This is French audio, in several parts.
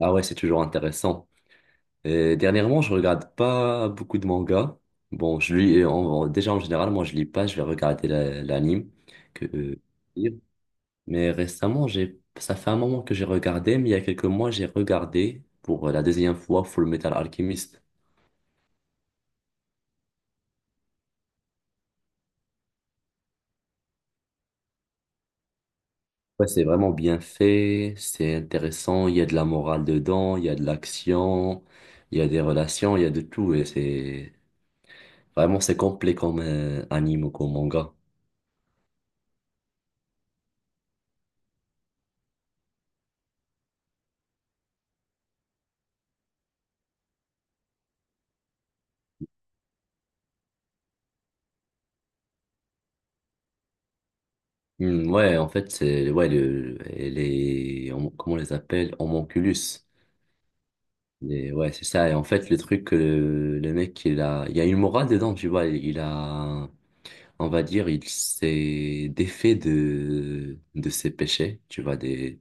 Ah ouais, c'est toujours intéressant. Dernièrement, je regarde pas beaucoup de mangas. Bon, je lis, déjà en général, moi je lis pas, je vais regarder l'anime que lire. Mais récemment, j'ai, ça fait un moment que j'ai regardé, mais il y a quelques mois, j'ai regardé pour la deuxième fois Full Metal Alchemist. Ouais, c'est vraiment bien fait, c'est intéressant, il y a de la morale dedans, il y a de l'action, il y a des relations, il y a de tout et c'est vraiment c'est complet comme anime ou comme manga. Hmm, ouais, en fait, c'est ouais, comment on les appelle? Homonculus. Ouais, c'est ça. Et en fait, le truc, le mec, il a, il y a une morale dedans, tu vois. Il a, on va dire, il s'est défait de ses péchés, tu vois, des,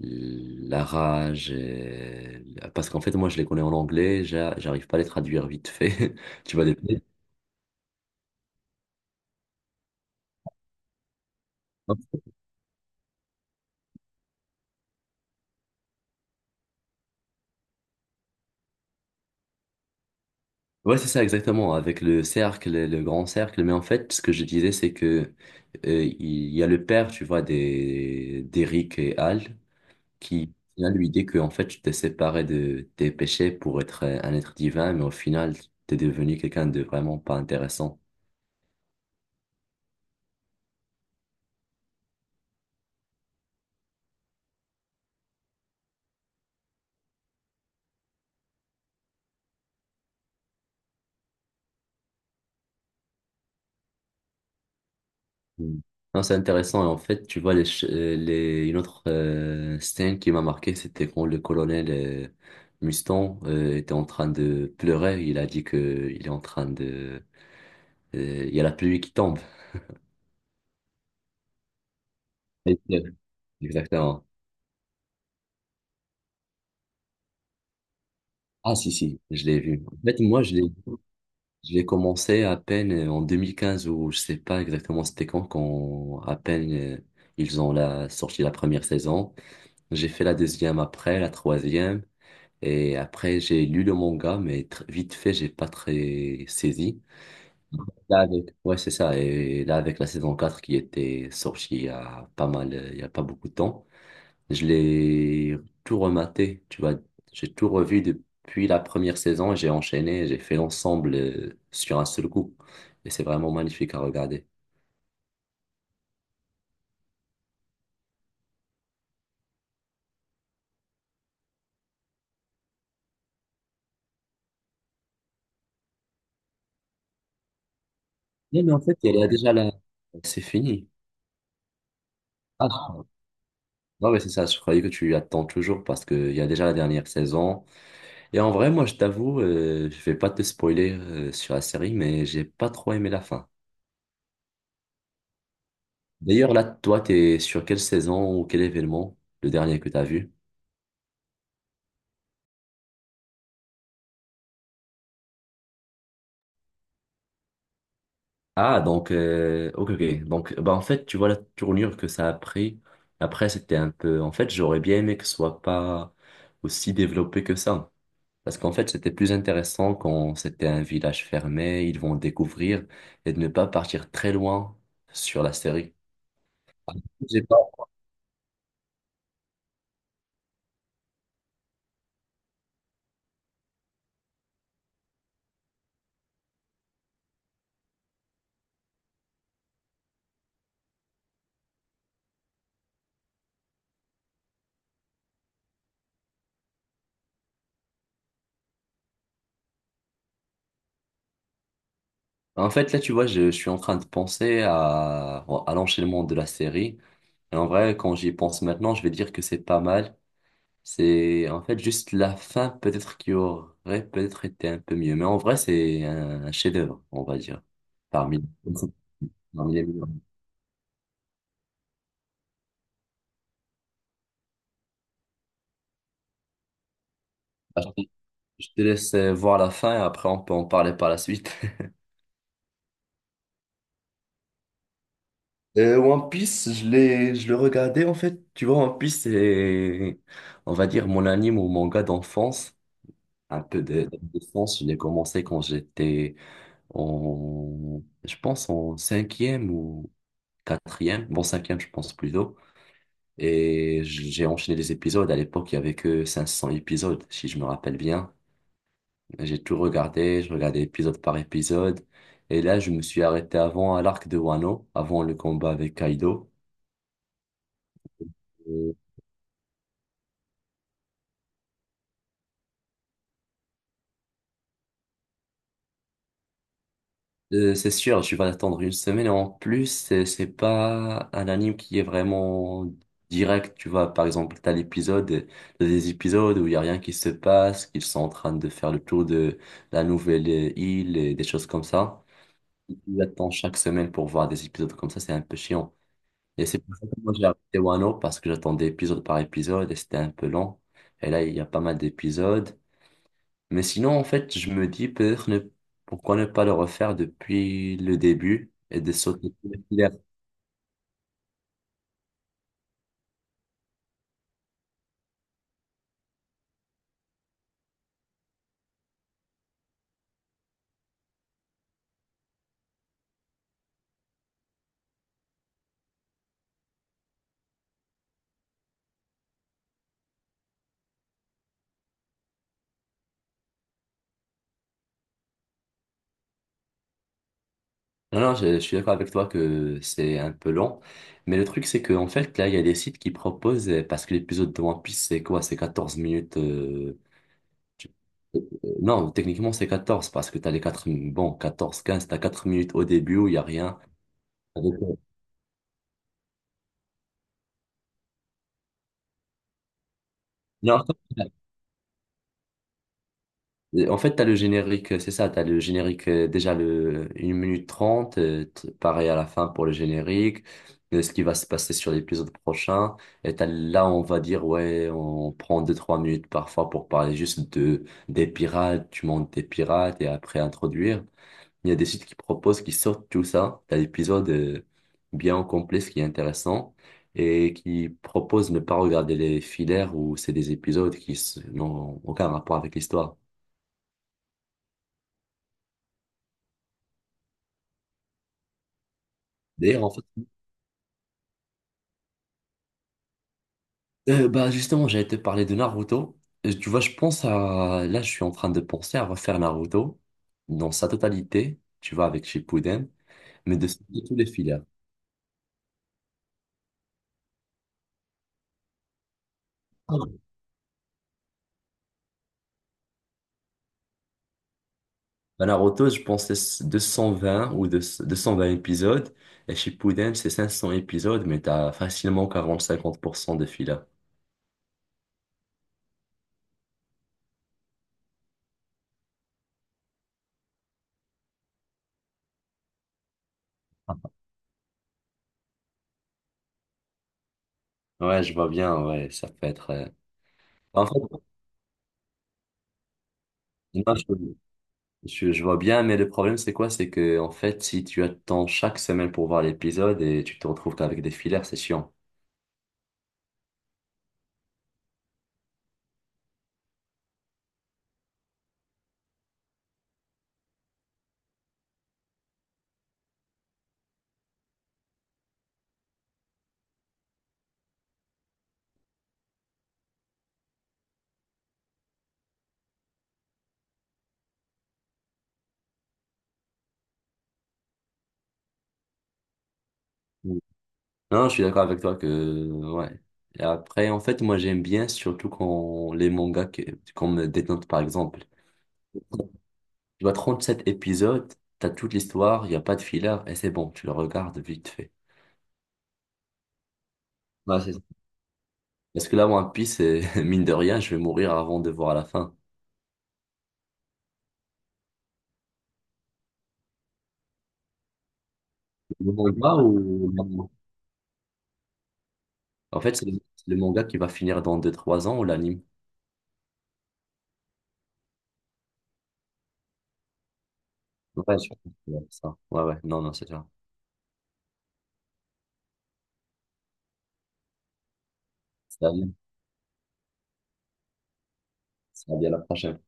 la rage. Parce qu'en fait, moi, je les connais en anglais, j'arrive pas à les traduire vite fait, tu vois. Ouais, c'est ça exactement, avec le cercle, le grand cercle. Mais en fait, ce que je disais, c'est que il y a le père, tu vois, des d'Eric et Al, qui vient lui dit que en fait, tu t'es séparé de tes péchés pour être un être divin, mais au final, t'es devenu quelqu'un de vraiment pas intéressant. Mm. Non, c'est intéressant. Et en fait, tu vois, une autre scène qui m'a marqué, c'était quand le colonel Mustang était en train de pleurer. Il a dit que il est en train de il y a la pluie qui tombe. Et Exactement. Ah, si, si, je l'ai vu. En fait, moi, je l'ai commencé à peine en 2015 ou je sais pas exactement c'était quand, à peine ils ont la, sorti la première saison. J'ai fait la deuxième après, la troisième. Et après, j'ai lu le manga, mais vite fait, j'ai pas très saisi. Là, avec, ouais, c'est ça. Et là, avec la saison 4 qui était sortie il y a pas mal, il y a pas beaucoup de temps. Je l'ai tout rematé, tu vois. J'ai tout revu depuis la première saison, j'ai enchaîné, j'ai fait l'ensemble sur un seul coup. Et c'est vraiment magnifique à regarder. Mais en fait, il y a déjà la... C'est fini. Ah, non, mais c'est ça, je croyais que tu attends toujours parce qu'il y a déjà la dernière saison. Et en vrai, moi, je t'avoue, je vais pas te spoiler sur la série, mais j'ai pas trop aimé la fin. D'ailleurs, là, toi, t'es sur quelle saison ou quel événement, le dernier que t'as vu? Ah, donc, ok, ok. Donc, bah, en fait, tu vois la tournure que ça a pris. Après, c'était un peu. En fait, j'aurais bien aimé que ce soit pas aussi développé que ça. Parce qu'en fait, c'était plus intéressant quand c'était un village fermé, ils vont découvrir et de ne pas partir très loin sur la série. J'ai pas. En fait, là, tu vois, je suis en train de penser à, l'enchaînement de la série. Et en vrai, quand j'y pense maintenant, je vais dire que c'est pas mal. C'est en fait juste la fin peut-être qui aurait peut-être été un peu mieux. Mais en vrai, c'est un chef-d'œuvre, on va dire. Parmi, parmi les meilleurs. Bah, Je te laisse voir la fin et après on peut en parler par la suite. One Piece, je le regardais en fait. Tu vois, One Piece, c'est, on va dire, mon anime ou manga d'enfance. Un peu d'enfance. Je l'ai commencé quand j'étais en, je pense, en cinquième ou quatrième. Bon, cinquième, je pense plutôt. Et j'ai enchaîné les épisodes. À l'époque, il y avait que 500 épisodes, si je me rappelle bien. J'ai tout regardé, je regardais épisode par épisode. Et là, je me suis arrêté avant à l'arc de Wano, avant le combat avec Kaido. Euh, c'est sûr, je vais attendre une semaine. Et en plus, c'est pas un anime qui est vraiment direct. Tu vois, par exemple, t'as des épisodes où il y a rien qui se passe, qu'ils sont en train de faire le tour de la nouvelle île et des choses comme ça. Tu attends chaque semaine pour voir des épisodes comme ça, c'est un peu chiant. Et c'est pour ça que moi j'ai arrêté Wano parce que j'attendais épisode par épisode et c'était un peu long. Et là, il y a pas mal d'épisodes. Mais sinon, en fait, je me dis peut-être ne... pourquoi ne pas le refaire depuis le début et de sauter tous les fillers. Non, non, je suis d'accord avec toi que c'est un peu long. Mais le truc, c'est que en fait, là, il y a des sites qui proposent, parce que l'épisode de One Piece, c'est quoi? C'est 14 minutes. Non, techniquement, c'est 14 parce que tu as les 4 bon, 14 15 tu as 4 minutes au début où il n'y a rien. Non, en fait, tu as le générique, c'est ça, tu as le générique déjà le une minute 30 pareil à la fin pour le générique, ce qui va se passer sur l'épisode prochain. Et là, on va dire, ouais, on prend deux trois minutes parfois pour parler juste de, des pirates, tu montes des pirates et après introduire. Il y a des sites qui proposent, qui sortent tout ça. T'as l'épisode bien complet, ce qui est intéressant, et qui proposent ne pas regarder les filaires où c'est des épisodes n'ont aucun rapport avec l'histoire. D'ailleurs, en fait, bah justement, j'allais te parler de Naruto. Tu vois, je pense à... Là, je suis en train de penser à refaire Naruto dans sa totalité, tu vois, avec Shippuden, mais de sauter tous les filaires. Bah, Naruto, je pense que c'est 220 ou 200 220 épisodes. Et Shippuden, c'est 500 épisodes, mais t'as facilement 40-50% de filler. Ouais, je vois bien, ouais, ça peut être... bah, en fait, moi, je vois bien, mais le problème, c'est quoi? C'est que, en fait, si tu attends chaque semaine pour voir l'épisode et tu te retrouves qu'avec des fillers, c'est chiant. Mm. Non, je suis d'accord avec toi que, ouais. Et après, en fait, moi, j'aime bien, surtout quand les mangas comme Death Note, par exemple. Tu vois, 37 épisodes, t'as toute l'histoire, il n'y a pas de filler, et c'est bon, tu le regardes vite fait. Ouais, c'est ça. Parce que là, One Piece, c'est- mine de rien, je vais mourir avant de voir la fin. Le manga ou l'anime. En fait, c'est le manga qui va finir dans deux-trois ans ou l'anime? Ouais, je pense que c'est ça. Ouais, ouais, non, non, c'est ça. C'est l'anime. Ça va bien la prochaine.